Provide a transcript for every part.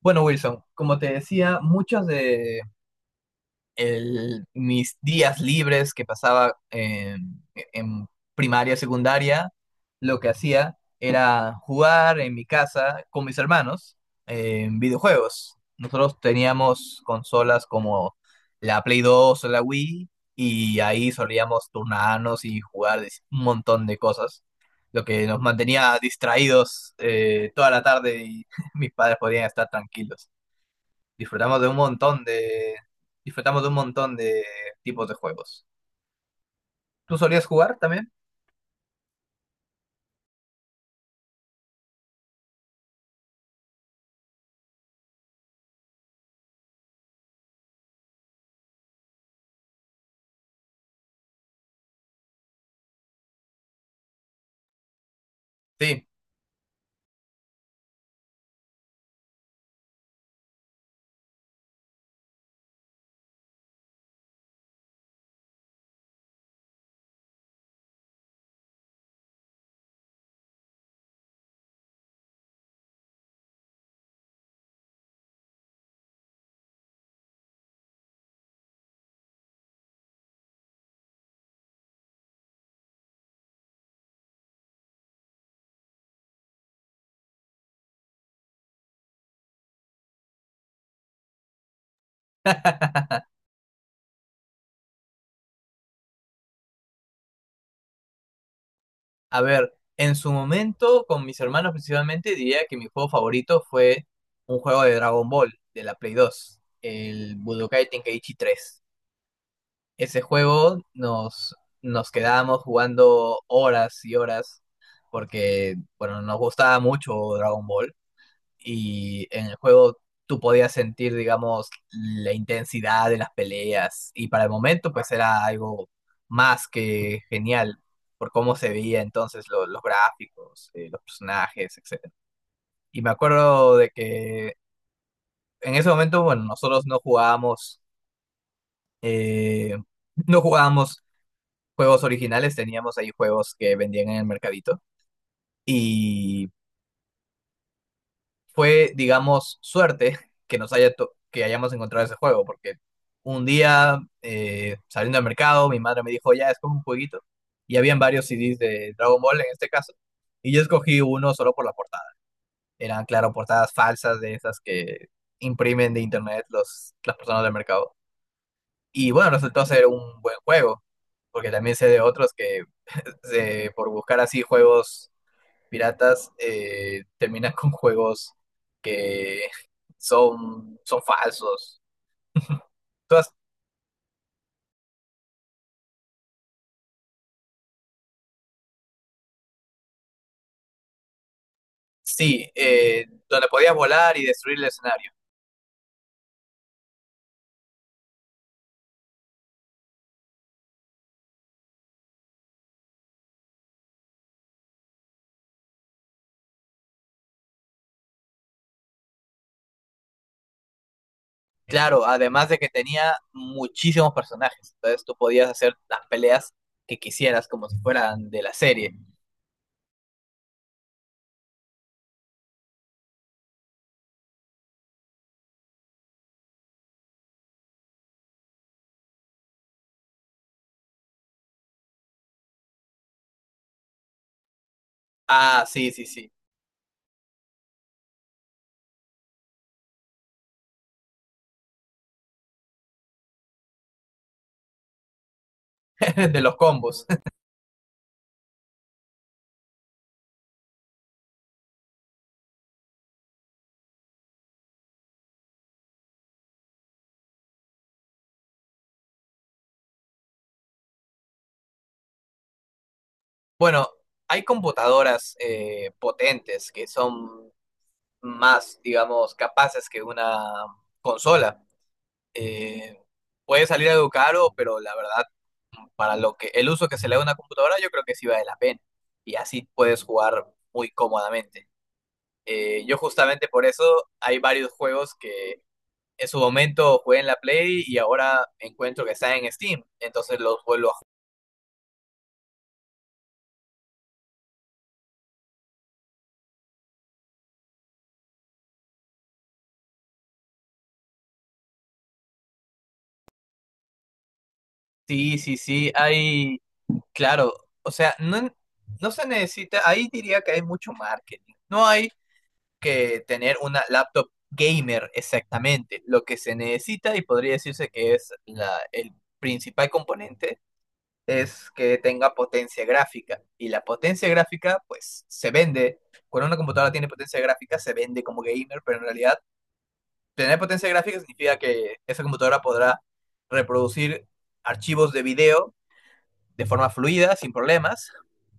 Bueno, Wilson, como te decía, muchos de mis días libres que pasaba en primaria, secundaria, lo que hacía era jugar en mi casa con mis hermanos en videojuegos. Nosotros teníamos consolas como la Play 2 o la Wii y ahí solíamos turnarnos y jugar un montón de cosas, lo que nos mantenía distraídos toda la tarde y mis padres podían estar tranquilos. Disfrutamos de un montón de, disfrutamos de un montón de tipos de juegos. ¿Tú solías jugar también? Sí. A ver, en su momento, con mis hermanos principalmente, diría que mi juego favorito fue un juego de Dragon Ball, de la Play 2, el Budokai Tenkaichi 3. Ese juego nos quedábamos jugando horas y horas porque, bueno, nos gustaba mucho Dragon Ball. Y en el juego tú podías sentir, digamos, la intensidad de las peleas y para el momento pues era algo más que genial por cómo se veía entonces los gráficos, los personajes, etcétera. Y me acuerdo de que en ese momento, bueno, nosotros no jugábamos, eh, no jugábamos juegos originales, teníamos ahí juegos que vendían en el mercadito y fue, digamos, suerte que que hayamos encontrado ese juego, porque un día saliendo al mercado, mi madre me dijo, ya, es como un jueguito, y habían varios CDs de Dragon Ball en este caso, y yo escogí uno solo por la portada. Eran, claro, portadas falsas de esas que imprimen de internet los, las personas del mercado. Y bueno, resultó ser un buen juego, porque también sé de otros que por buscar así juegos piratas terminan con juegos que son falsos. Entonces, sí, donde podías volar y destruir el escenario. Claro, además de que tenía muchísimos personajes, entonces tú podías hacer las peleas que quisieras como si fueran de la serie. Ah, sí, sí, sí, de los combos. Bueno, hay computadoras potentes que son más, digamos, capaces que una consola. Eh, Puede salir algo caro, pero la verdad, para lo que el uso que se le da a una computadora, yo creo que sí vale la pena. Y así puedes jugar muy cómodamente. Yo justamente por eso hay varios juegos que en su momento jugué en la Play y ahora encuentro que están en Steam. Entonces los vuelvo a jugar. Sí, sí, sí, hay, claro, o sea, no se necesita, ahí diría que hay mucho marketing. No hay que tener una laptop gamer exactamente. Lo que se necesita y podría decirse que es la, el principal componente es que tenga potencia gráfica. Y la potencia gráfica, pues, se vende. Cuando una computadora tiene potencia gráfica, se vende como gamer, pero en realidad tener potencia gráfica significa que esa computadora podrá reproducir archivos de video de forma fluida, sin problemas,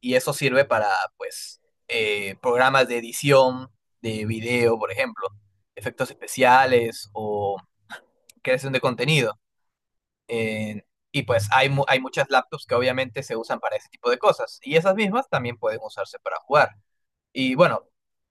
y eso sirve para, pues, programas de edición de video, por ejemplo, efectos especiales o creación de contenido. Eh, y pues hay, hay muchas laptops que obviamente se usan para ese tipo de cosas, y esas mismas también pueden usarse para jugar. Y bueno,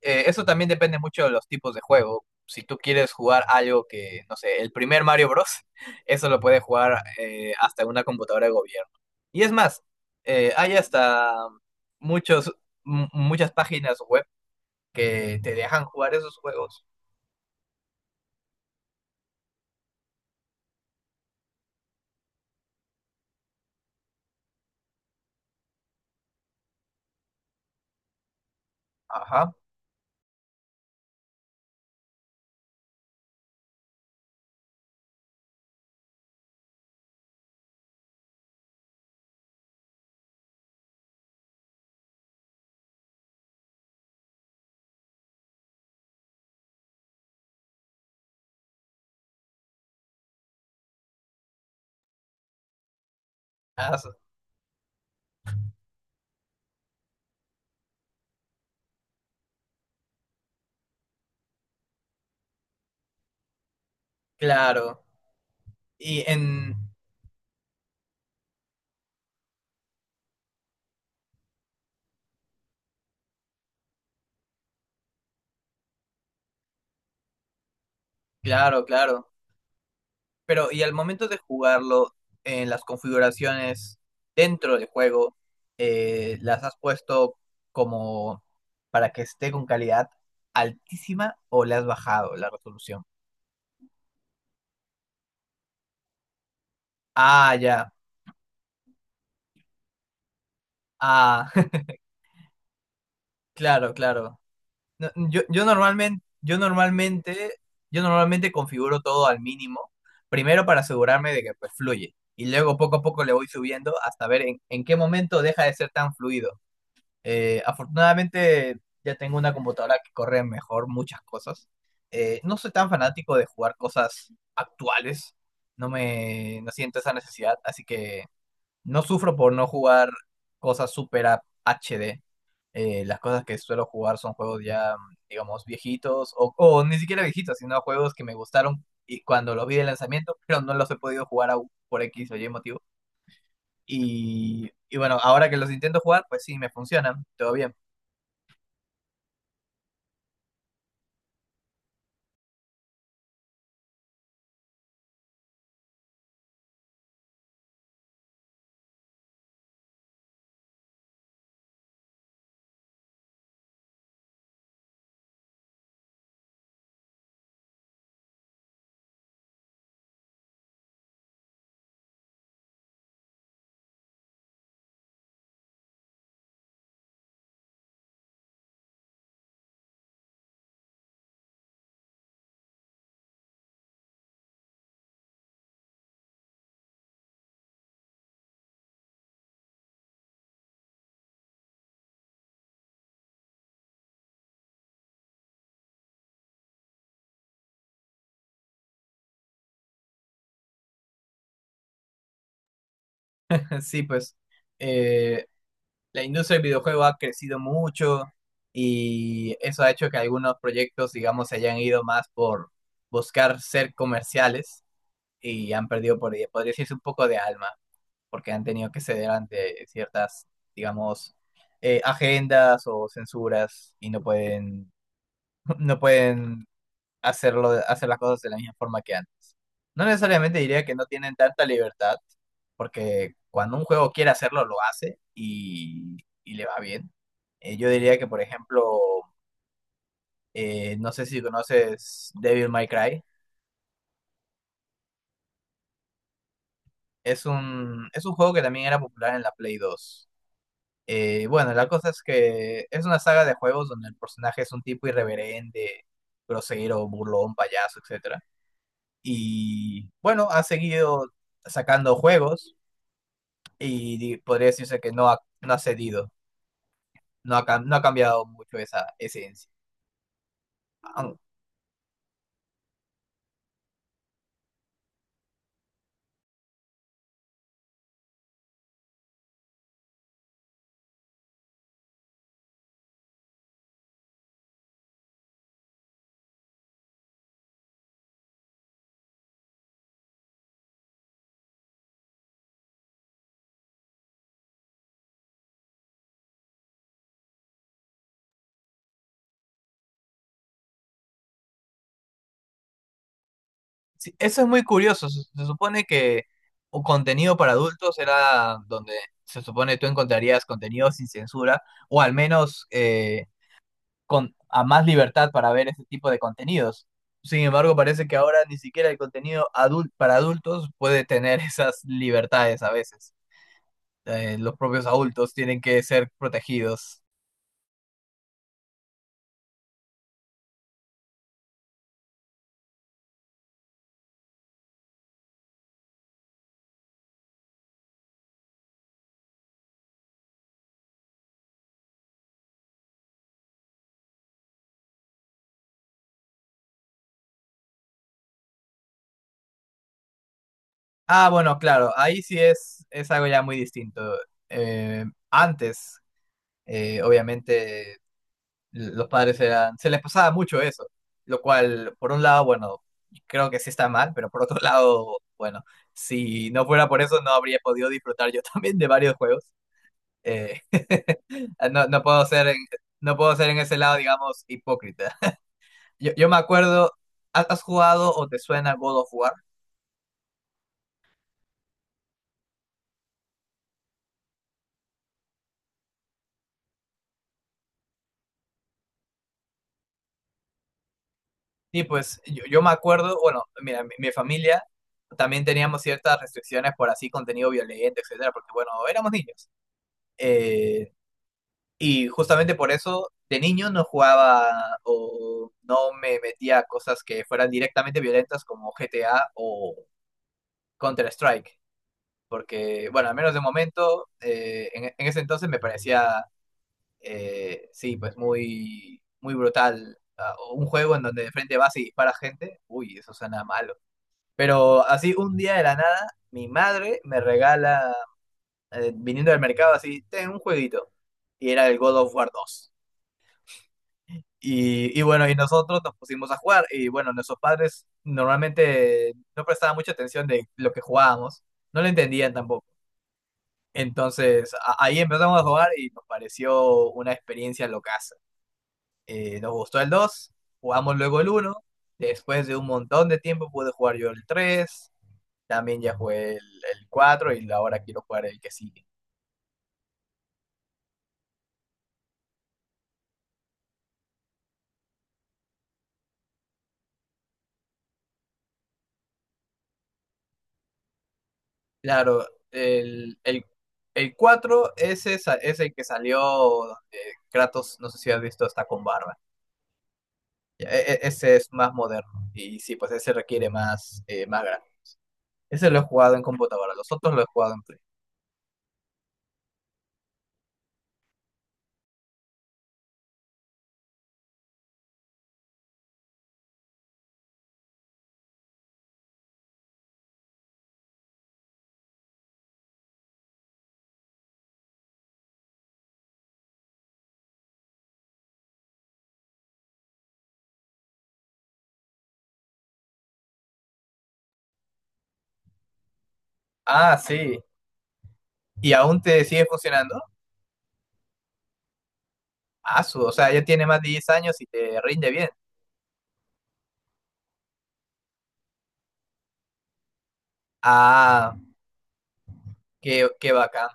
eso también depende mucho de los tipos de juego. Si tú quieres jugar algo que, no sé, el primer Mario Bros., eso lo puedes jugar hasta en una computadora de gobierno. Y es más, hay hasta muchos, muchas páginas web que te dejan jugar esos juegos. Ajá. Ah, claro. Y en... Claro, claro. Pero, y al momento de jugarlo, en las configuraciones dentro del juego, las has puesto como para que esté con calidad altísima o le has bajado la resolución. Ah, ya. Ah, claro, claro. No, yo normalmente configuro todo al mínimo, primero para asegurarme de que pues, fluye. Y luego poco a poco le voy subiendo hasta ver en qué momento deja de ser tan fluido. Afortunadamente ya tengo una computadora que corre mejor muchas cosas. No soy tan fanático de jugar cosas actuales, no siento esa necesidad, así que no sufro por no jugar cosas super HD. Las cosas que suelo jugar son juegos ya, digamos, viejitos o ni siquiera viejitos, sino juegos que me gustaron y cuando los vi de lanzamiento, pero no los he podido jugar aún por X o Y motivo. Y bueno, ahora que los intento jugar, pues sí, me funcionan, todo bien. Sí, pues eh, la industria del videojuego ha crecido mucho y eso ha hecho que algunos proyectos, digamos, se hayan ido más por buscar ser comerciales y han perdido, por, podría decirse, un poco de alma, porque han tenido que ceder ante ciertas, digamos, agendas o censuras y no pueden, no pueden hacerlo, hacer las cosas de la misma forma que antes. No necesariamente diría que no tienen tanta libertad, porque cuando un juego quiere hacerlo, lo hace y le va bien. Yo diría que, por ejemplo, no sé si conoces Devil May Cry. Es un juego que también era popular en la Play 2. Bueno, la cosa es que es una saga de juegos donde el personaje es un tipo irreverente, grosero, burlón, payaso, etcétera. Y bueno, ha seguido sacando juegos. Y podría decirse que no ha, cedido, no ha cambiado mucho esa esencia. Aun- sí. Eso es muy curioso, se supone que un contenido para adultos era donde se supone tú encontrarías contenido sin censura o al menos con, a más libertad para ver ese tipo de contenidos. Sin embargo, parece que ahora ni siquiera el contenido para adultos puede tener esas libertades a veces. Los propios adultos tienen que ser protegidos. Ah, bueno, claro, ahí sí es algo ya muy distinto. Antes, obviamente, los padres eran, se les pasaba mucho eso, lo cual, por un lado, bueno, creo que sí está mal, pero por otro lado, bueno, si no fuera por eso, no habría podido disfrutar yo también de varios juegos. Eh, no, no puedo ser en, no puedo ser en ese lado, digamos, hipócrita. Yo me acuerdo, ¿has jugado o te suena God of War? Sí, pues yo me acuerdo, bueno, mira, mi familia también teníamos ciertas restricciones por así contenido violento, etcétera, porque bueno, éramos niños. Eh, y justamente por eso de niño no jugaba o no me metía a cosas que fueran directamente violentas como GTA o Counter-Strike, porque bueno, al menos de momento, en ese entonces me parecía, sí, pues muy, muy brutal. Un juego en donde de frente vas y disparas gente, uy, eso suena mal. Pero así un día de la nada, mi madre me regala, viniendo del mercado, así, ten un jueguito. Y era el God of War 2. Y bueno, y nosotros nos pusimos a jugar. Y bueno, nuestros padres normalmente no prestaban mucha atención de lo que jugábamos. No lo entendían tampoco. Entonces ahí empezamos a jugar y nos pareció una experiencia locaza. Nos gustó el 2, jugamos luego el 1. Después de un montón de tiempo pude jugar yo el 3. También ya jugué el 4 y ahora quiero jugar el que sigue. Claro, el 4 ese es el que salió donde Kratos, no sé si has visto, está con barba. Ya, ese es más moderno y sí, pues ese requiere más, más gráfico. Ese lo he jugado en computadora, los otros lo he jugado en Play. Ah, sí. ¿Y aún te sigue funcionando? Ah, o sea, ya tiene más de 10 años y te rinde bien. Ah, qué bacán.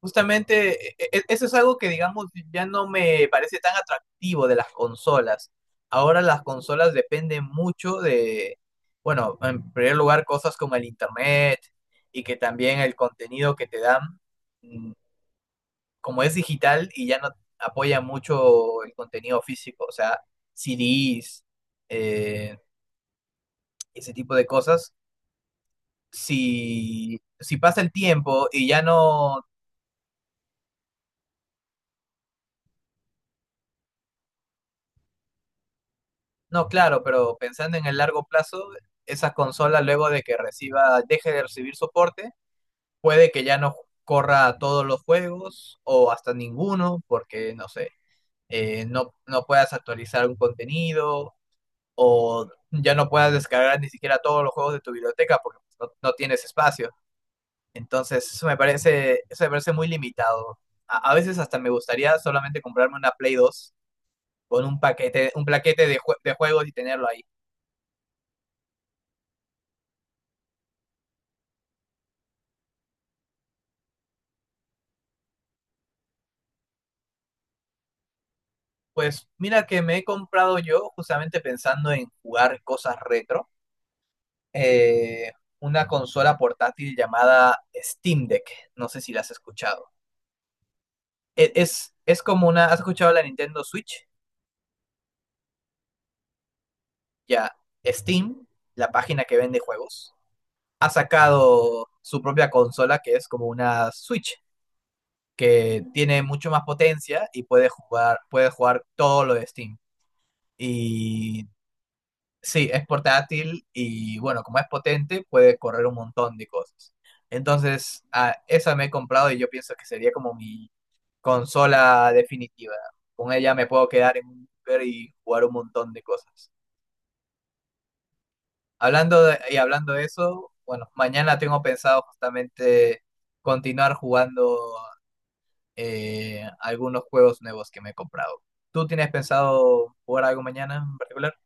Justamente eso es algo que, digamos, ya no me parece tan atractivo de las consolas. Ahora las consolas dependen mucho de, bueno, en primer lugar, cosas como el internet y que también el contenido que te dan, mm, como es digital y ya no apoya mucho el contenido físico, o sea, CDs, eh, ese tipo de cosas. Si pasa el tiempo y ya no. No, claro, pero pensando en el largo plazo, esa consola luego de que reciba, deje de recibir soporte, puede que ya no corra todos los juegos o hasta ninguno, porque no sé, no puedas actualizar un contenido o ya no puedas descargar ni siquiera todos los juegos de tu biblioteca porque no tienes espacio. Entonces, eso me parece muy limitado. A veces hasta me gustaría solamente comprarme una Play 2 con un paquete, un plaquete de, de juegos y tenerlo ahí. Pues mira que me he comprado yo, justamente pensando en jugar cosas retro, eh, una consola portátil llamada Steam Deck. No sé si la has escuchado. Es como una. ¿Has escuchado la Nintendo Switch? Ya, Steam, la página que vende juegos, ha sacado su propia consola que es como una Switch, que tiene mucho más potencia y puede jugar, todo lo de Steam. Y sí, es portátil y bueno, como es potente, puede correr un montón de cosas. Entonces, esa me he comprado y yo pienso que sería como mi consola definitiva. Con ella me puedo quedar en un búnker y jugar un montón de cosas. Y hablando de eso, bueno, mañana tengo pensado justamente continuar jugando algunos juegos nuevos que me he comprado. ¿Tú tienes pensado jugar algo mañana en particular?